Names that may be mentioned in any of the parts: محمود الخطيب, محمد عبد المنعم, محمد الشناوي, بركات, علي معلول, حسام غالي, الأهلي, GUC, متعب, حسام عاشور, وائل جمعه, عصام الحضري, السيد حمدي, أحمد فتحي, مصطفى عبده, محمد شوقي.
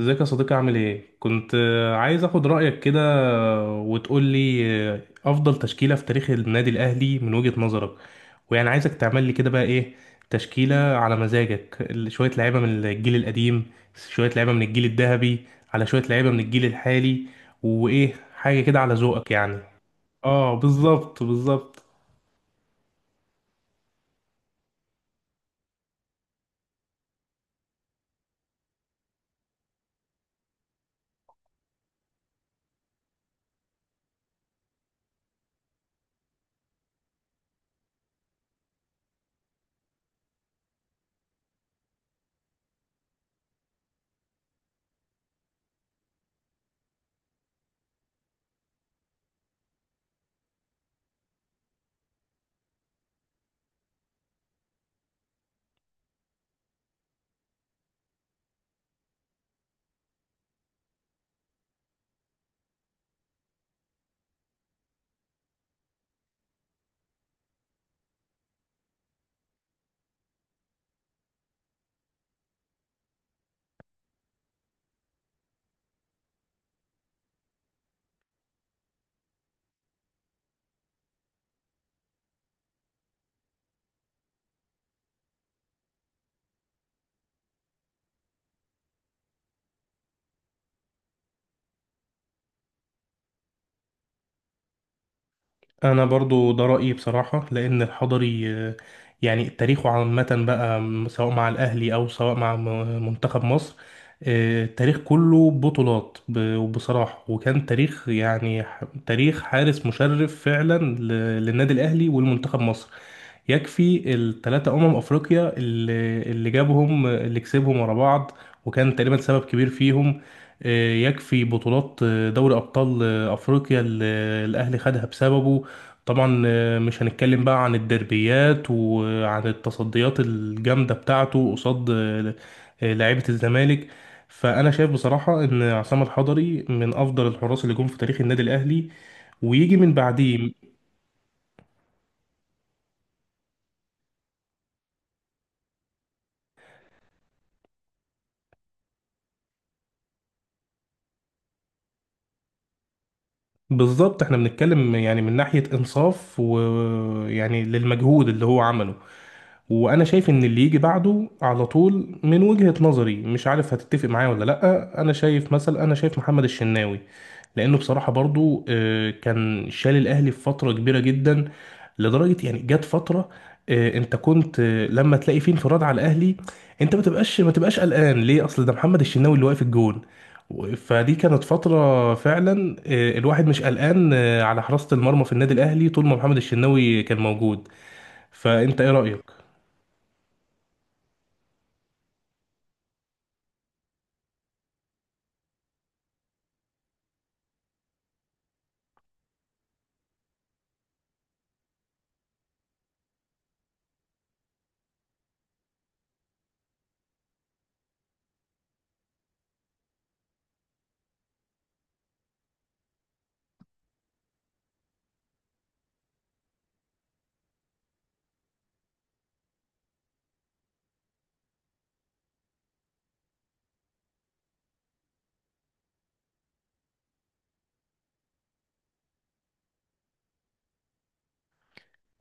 ازيك يا صديقي، عامل ايه؟ كنت عايز اخد رأيك كده. وتقول لي افضل تشكيلة في تاريخ النادي الاهلي من وجهة نظرك. ويعني عايزك تعمل لي كده بقى ايه، تشكيلة على مزاجك، شوية لعيبة من الجيل القديم، شوية لعيبة من الجيل الذهبي، على شوية لعيبة من الجيل الحالي، وايه حاجة كده على ذوقك يعني. اه، بالظبط بالظبط. انا برضو ده رأيي بصراحة، لان الحضري يعني تاريخه عامة بقى، سواء مع الاهلي او سواء مع منتخب مصر. التاريخ كله بطولات، وبصراحة وكان تاريخ يعني، تاريخ حارس مشرف فعلا للنادي الاهلي والمنتخب مصر. يكفي الثلاثة أمم أفريقيا اللي جابهم، اللي كسبهم ورا بعض، وكان تقريبا سبب كبير فيهم. يكفي بطولات دوري أبطال أفريقيا اللي الأهلي خدها بسببه. طبعا مش هنتكلم بقى عن الدربيات وعن التصديات الجامدة بتاعته قصاد لعيبة الزمالك. فأنا شايف بصراحة إن عصام الحضري من أفضل الحراس اللي جم في تاريخ النادي الأهلي، ويجي من بعديه. بالظبط، احنا بنتكلم يعني من ناحية انصاف، ويعني للمجهود اللي هو عمله. وانا شايف ان اللي يجي بعده على طول من وجهة نظري، مش عارف هتتفق معايا ولا لا، انا شايف مثلا، انا شايف محمد الشناوي، لانه بصراحة برضو كان شال الاهلي في فترة كبيرة جدا، لدرجة يعني جت فترة انت كنت لما تلاقي فيه انفراد على الاهلي، انت ما تبقاش قلقان ليه، اصل ده محمد الشناوي اللي واقف الجون. فدي كانت فترة فعلا الواحد مش قلقان على حراسة المرمى في النادي الاهلي طول ما محمد الشناوي كان موجود. فانت ايه رأيك؟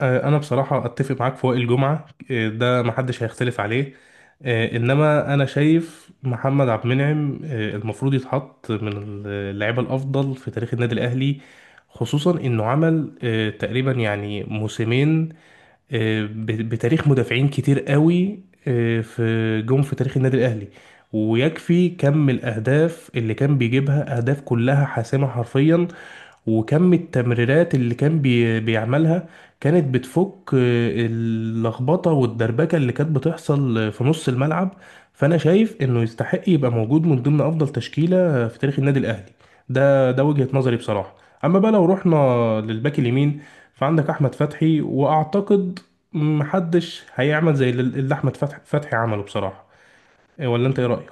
انا بصراحه اتفق معاك في وائل جمعه. ده محدش هيختلف عليه. انما انا شايف محمد عبد المنعم المفروض يتحط من اللعيبه الافضل في تاريخ النادي الاهلي، خصوصا انه عمل تقريبا يعني موسمين بتاريخ مدافعين كتير قوي في جم في تاريخ النادي الاهلي. ويكفي كم الاهداف اللي كان بيجيبها، اهداف كلها حاسمه حرفيا، وكم التمريرات اللي كان بيعملها، كانت بتفك اللخبطة والدربكة اللي كانت بتحصل في نص الملعب. فأنا شايف إنه يستحق يبقى موجود من ضمن أفضل تشكيلة في تاريخ النادي الأهلي. ده وجهة نظري بصراحة. أما بقى لو رحنا للباك اليمين، فعندك أحمد فتحي، وأعتقد محدش هيعمل زي اللي أحمد فتحي عمله بصراحة. ولا أنت إيه رأيك؟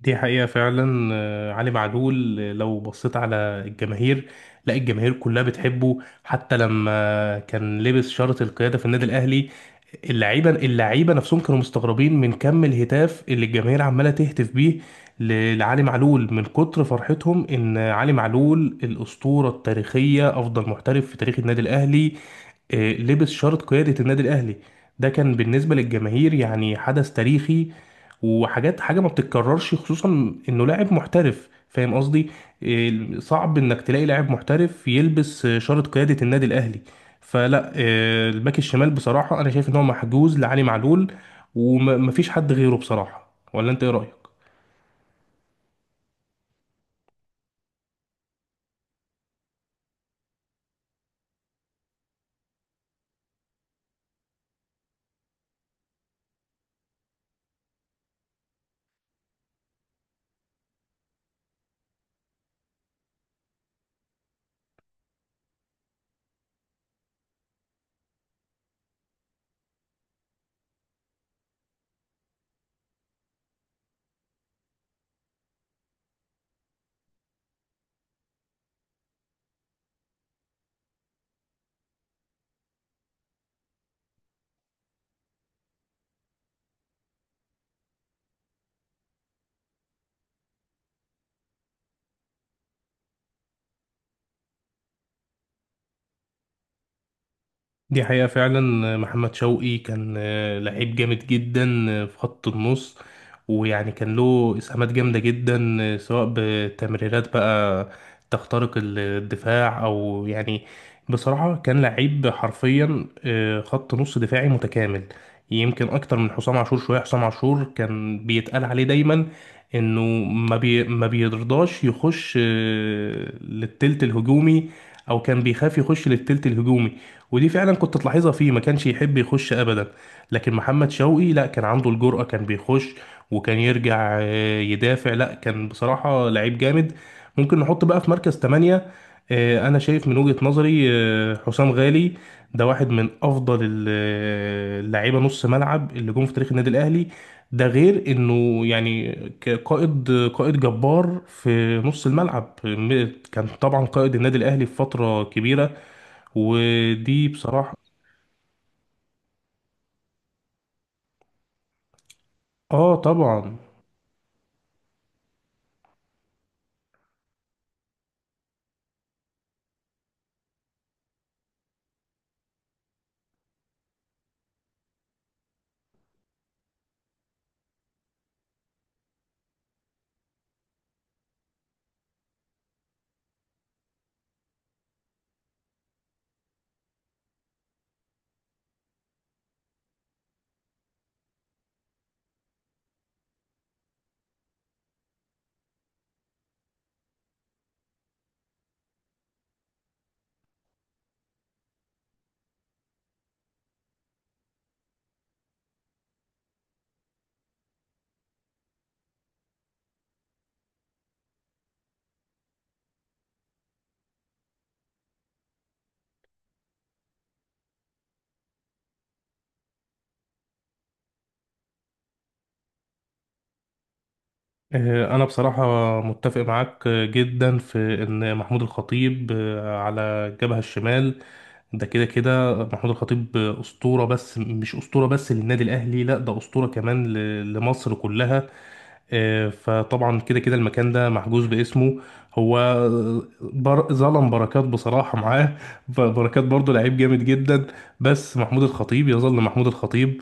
دي حقيقة فعلا، علي معلول، لو بصيت على الجماهير، لا، الجماهير كلها بتحبه، حتى لما كان لبس شارة القيادة في النادي الأهلي، اللعيبة نفسهم كانوا مستغربين من كم الهتاف اللي الجماهير عمالة تهتف بيه لعلي معلول، من كتر فرحتهم إن علي معلول الأسطورة التاريخية أفضل محترف في تاريخ النادي الأهلي لبس شارة قيادة النادي الأهلي. ده كان بالنسبة للجماهير يعني حدث تاريخي، وحاجات حاجة ما بتتكررش، خصوصا إنه لاعب محترف، فاهم قصدي؟ صعب إنك تلاقي لاعب محترف يلبس شارة قيادة النادي الأهلي. فلا، الباك الشمال بصراحة أنا شايف إن هو محجوز لعلي معلول ومفيش حد غيره بصراحة. ولا أنت إيه رأيك؟ دي حقيقة فعلا، محمد شوقي كان لعيب جامد جدا في خط النص. ويعني كان له إسهامات جامدة جدا سواء بتمريرات بقى تخترق الدفاع، أو يعني بصراحة كان لعيب حرفيا خط نص دفاعي متكامل. يمكن أكتر من حسام عاشور شوية. حسام عاشور كان بيتقال عليه دايما إنه ما بيرضاش يخش للتلت الهجومي، أو كان بيخاف يخش للتلت الهجومي، ودي فعلا كنت تلاحظها فيه، ما كانش يحب يخش ابدا. لكن محمد شوقي لا، كان عنده الجرأة، كان بيخش وكان يرجع يدافع. لا، كان بصراحة لعيب جامد. ممكن نحط بقى في مركز تمانية. انا شايف من وجهة نظري حسام غالي. ده واحد من افضل اللعيبة نص ملعب اللي جم في تاريخ النادي الاهلي. ده غير انه يعني قائد، قائد جبار في نص الملعب، كان طبعا قائد النادي الاهلي في فترة كبيرة. ودي بصراحة. اه، طبعا. انا بصراحة متفق معاك جدا في ان محمود الخطيب على الجبهة الشمال، ده كده كده محمود الخطيب أسطورة، بس مش أسطورة بس للنادي الأهلي، لا، ده أسطورة كمان لمصر كلها. فطبعا كده كده المكان ده محجوز باسمه. هو ظلم بركات بصراحة معاه. بركات برضه لعيب جامد جدا، بس محمود الخطيب يظل محمود الخطيب.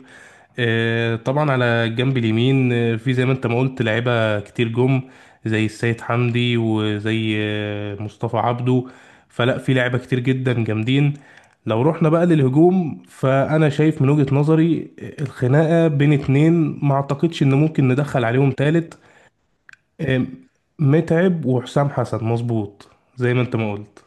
طبعا على الجنب اليمين في زي ما انت ما قلت لعيبة كتير جم، زي السيد حمدي وزي مصطفى عبده. فلا، في لعيبة كتير جدا جامدين. لو رحنا بقى للهجوم، فأنا شايف من وجهة نظري الخناقة بين اتنين، ما اعتقدش ان ممكن ندخل عليهم تالت. آه، متعب وحسام حسن، مظبوط زي ما انت ما قلت.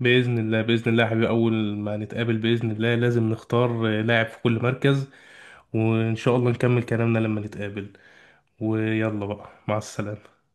بإذن الله، بإذن الله يا حبيبي، أول ما نتقابل بإذن الله لازم نختار لاعب في كل مركز، وإن شاء الله نكمل كلامنا لما نتقابل. ويلا بقى، مع السلامة.